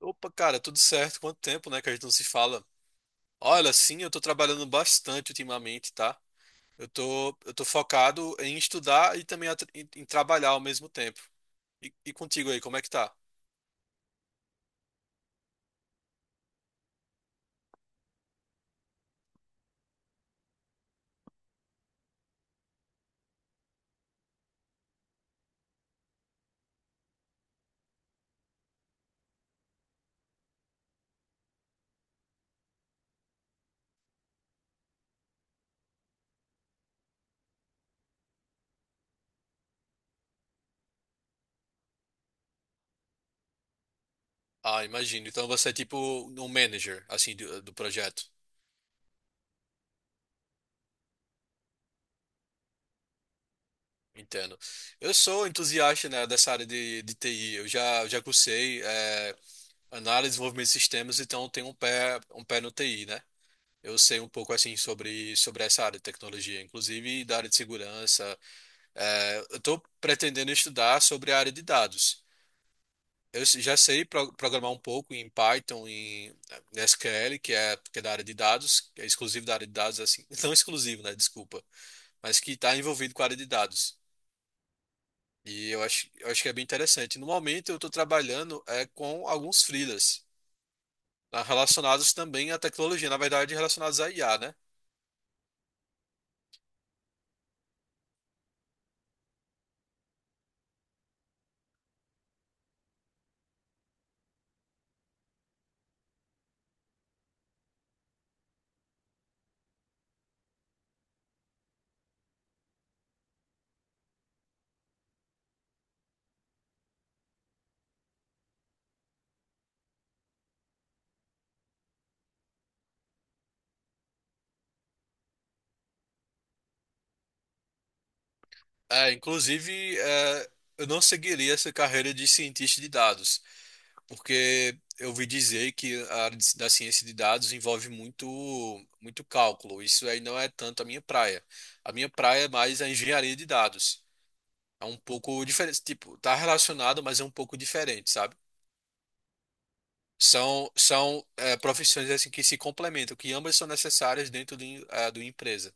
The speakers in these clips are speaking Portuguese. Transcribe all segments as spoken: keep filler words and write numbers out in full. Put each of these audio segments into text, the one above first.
Opa, cara, tudo certo? Quanto tempo, né, que a gente não se fala? Olha, sim, eu tô trabalhando bastante ultimamente, tá? Eu tô, eu tô focado em estudar e também atra- em, em trabalhar ao mesmo tempo. E, e contigo aí, como é que tá? Ah, imagino. Então você é tipo um manager, assim, do, do projeto. Entendo. Eu sou entusiasta, né, dessa área de, de T I. Eu já, já cursei, eh, análise, desenvolvimento de sistemas, então tem um pé, um pé no T I, né? Eu sei um pouco assim sobre, sobre essa área de tecnologia, inclusive da área de segurança. É, eu estou pretendendo estudar sobre a área de dados. Eu se- já sei pro- programar um pouco em Python, em S Q L, que é, que é da área de dados, que é exclusivo da área de dados, assim, não exclusivo, né? Desculpa, mas que está envolvido com a área de dados. E eu acho, eu acho que é bem interessante. No momento eu estou trabalhando é, com alguns freelas, ah, relacionados também à tecnologia, na verdade, relacionados à I A, né? É, inclusive, é, eu não seguiria essa carreira de cientista de dados, porque eu ouvi dizer que a área de- da ciência de dados envolve muito, muito cálculo. Isso aí não é tanto a minha praia. A minha praia é mais a engenharia de dados. É um pouco diferente, tipo, tá relacionado, mas é um pouco diferente, sabe? São, são é, profissões assim que se complementam, que ambas são necessárias dentro do, em- é, do empresa.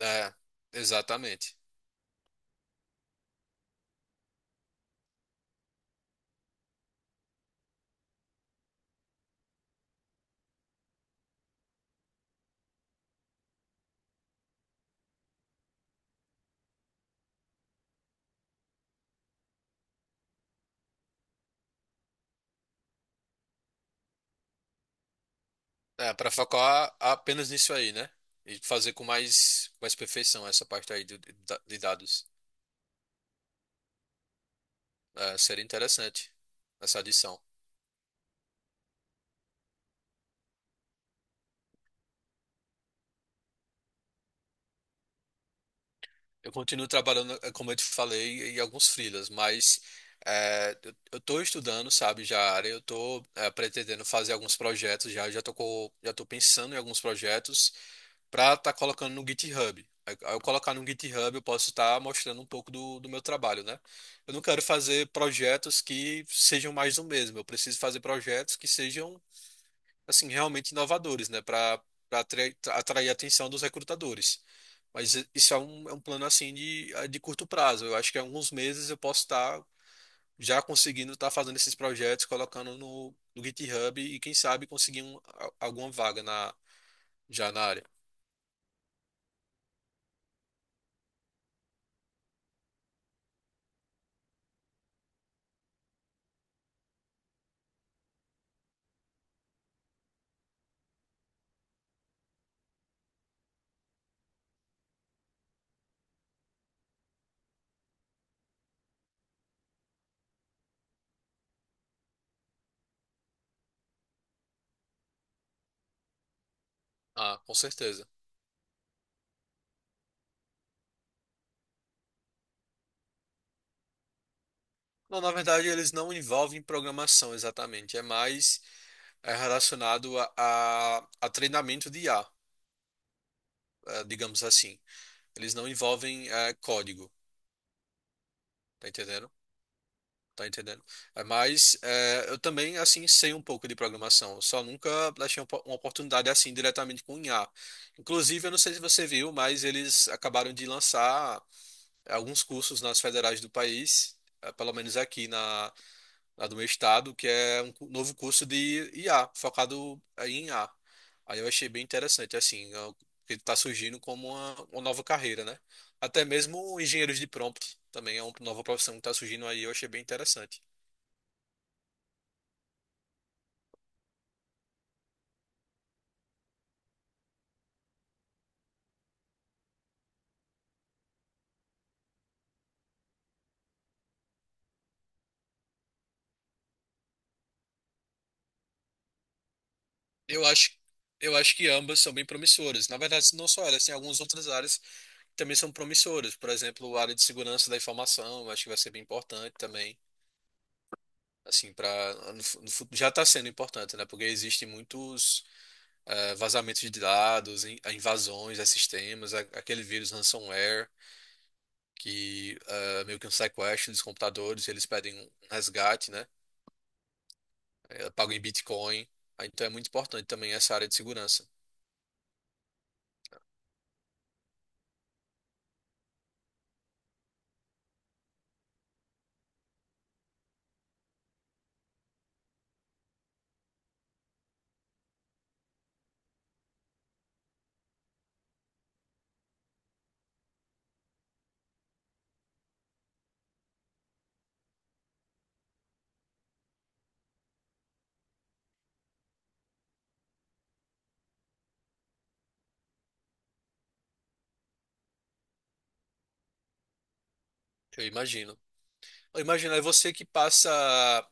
É, exatamente. É, para focar apenas nisso aí, né? E fazer com mais, mais perfeição essa parte aí do- da- de, dados. É, seria interessante essa adição. Eu continuo trabalhando, eh, como eu te falei, em alguns freelas, mas eh, eu eu tô estudando, sabe, já a área, eu tô eh, pretendendo fazer alguns projetos já, já tô, co- já tô pensando em alguns projetos para estar colocando no GitHub. Aí, ao eu colocar no GitHub, eu posso estar mostrando um pouco do, do meu trabalho, né? Eu não quero fazer projetos que sejam mais do mesmo, eu preciso fazer projetos que sejam assim, realmente inovadores, né, para para atrair, atrair a atenção dos recrutadores. Mas isso é um, é um plano assim de, de curto prazo. Eu acho que em alguns meses eu posso estar já conseguindo estar fazendo esses projetos, colocando no, no GitHub e quem sabe conseguir um- a- alguma vaga na, já na área. Ah, com certeza. Não, na verdade eles não envolvem programação exatamente, é mais é, relacionado a, a, a treinamento de I A, eh, digamos assim. Eles não envolvem eh, código, tá entendendo? Tá entendendo? É, mas é, eu também, assim, sei um pouco de programação. Eu só nunca achei uma uma oportunidade assim diretamente com I A. Inclusive, eu não sei se você viu, mas eles acabaram de lançar alguns cursos nas federais do país, é, pelo menos aqui na, na do meu estado, que é um cu- novo curso de I A, focado é, em I A. Aí eu achei bem interessante, assim, é, o que está surgindo como uma, uma nova carreira, né? Até mesmo engenheiros de prompt também é uma nova profissão que está surgindo aí, eu achei bem interessante. Eu acho, eu acho que ambas são bem promissoras. Na verdade, não só elas, tem algumas outras áreas que também são promissoras. Por exemplo, a área de segurança da informação, eu acho que vai ser bem importante também. Assim, para já está sendo importante, né? Porque existem muitos eh, vazamentos de dados, in- eh, invasões a sistemas, a- aquele vírus ransomware que eh, meio que um sequestro dos computadores, eles pedem um resgate, né? É pago em Bitcoin. Ah, então é muito importante também essa área de segurança. Eu imagino. Eu imagino, é você que passa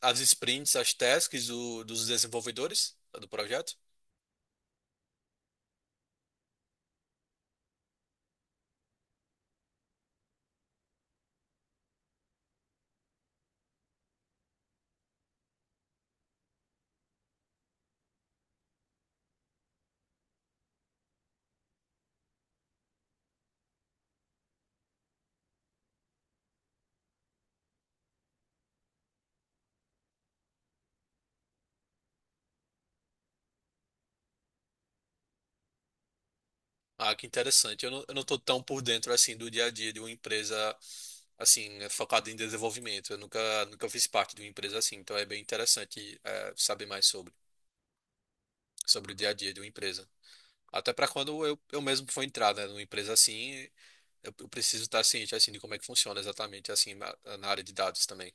as sprints, as tasks do- dos desenvolvedores do projeto? Ah, que interessante. Eu não, eu não tô tão por dentro assim do dia a dia de uma empresa assim é focada em desenvolvimento. Eu nunca nunca fiz parte de uma empresa assim, então é bem interessante eh, saber mais sobre sobre o dia a dia de uma empresa. Até para quando eu, eu mesmo for entrar, né, numa empresa assim, eu, eu preciso estar ciente assim de como é que funciona exatamente assim na, na área de dados também.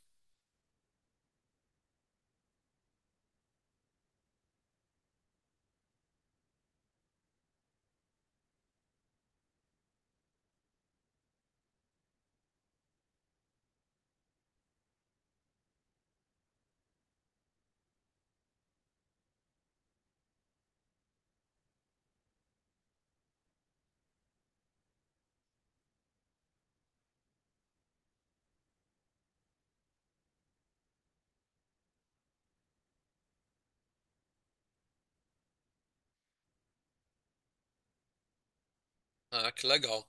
Ah, que legal.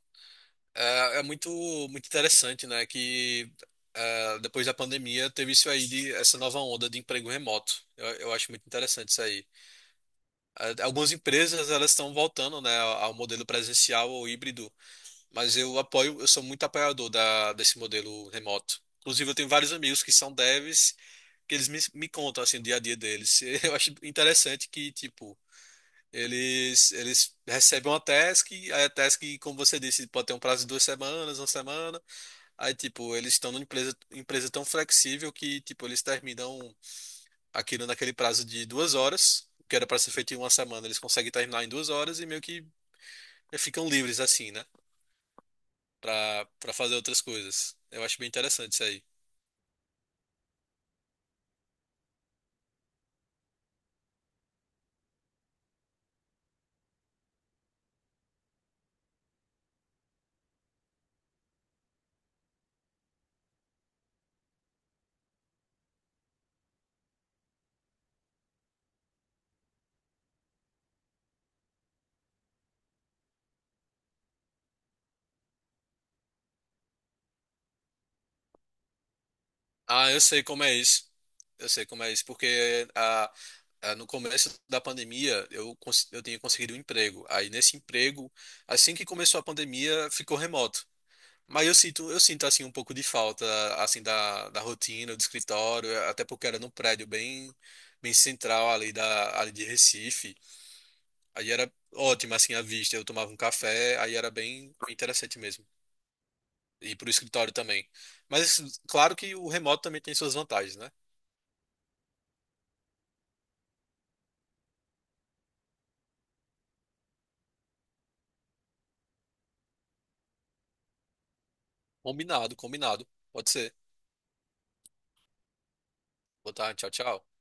É, é muito muito interessante, né, que eh, depois da pandemia teve isso aí de essa nova onda de emprego remoto. Eu, eu acho muito interessante isso aí. a- Algumas empresas elas estão voltando, né, ao ao modelo presencial ou híbrido, mas eu apoio, eu sou muito apoiador da, desse modelo remoto. Inclusive, eu tenho vários amigos que são devs, que eles me, me contam assim o dia a dia deles. Eu acho interessante que, tipo, eles eles recebem uma task, aí a task, como você disse, pode ter um prazo de duas semanas, uma semana. Aí, tipo, eles estão numa empresa, empresa tão flexível que, tipo, eles terminam aquilo naquele prazo de duas horas, o que era para ser feito em uma semana, eles conseguem terminar em duas horas e meio que ficam livres assim, né? Pra, pra fazer outras coisas. Eu acho bem interessante isso aí. Ah, eu sei como é isso. Eu sei como é isso, porque a, a- no começo da pandemia eu, cons- eu tinha conseguido um emprego. Aí nesse emprego, assim que começou a pandemia, ficou remoto. Mas eu sinto, eu sinto assim um pouco de falta assim da, da rotina, do escritório, até porque era num prédio bem bem central ali da ali de Recife. Aí era ótimo assim a vista, eu tomava um café, aí era bem bem interessante mesmo. E pro escritório também. Mas assim, claro que o remoto também tem suas vantagens, né? Combinado, combinado. Pode ser. Boa tarde, tchau, tchau.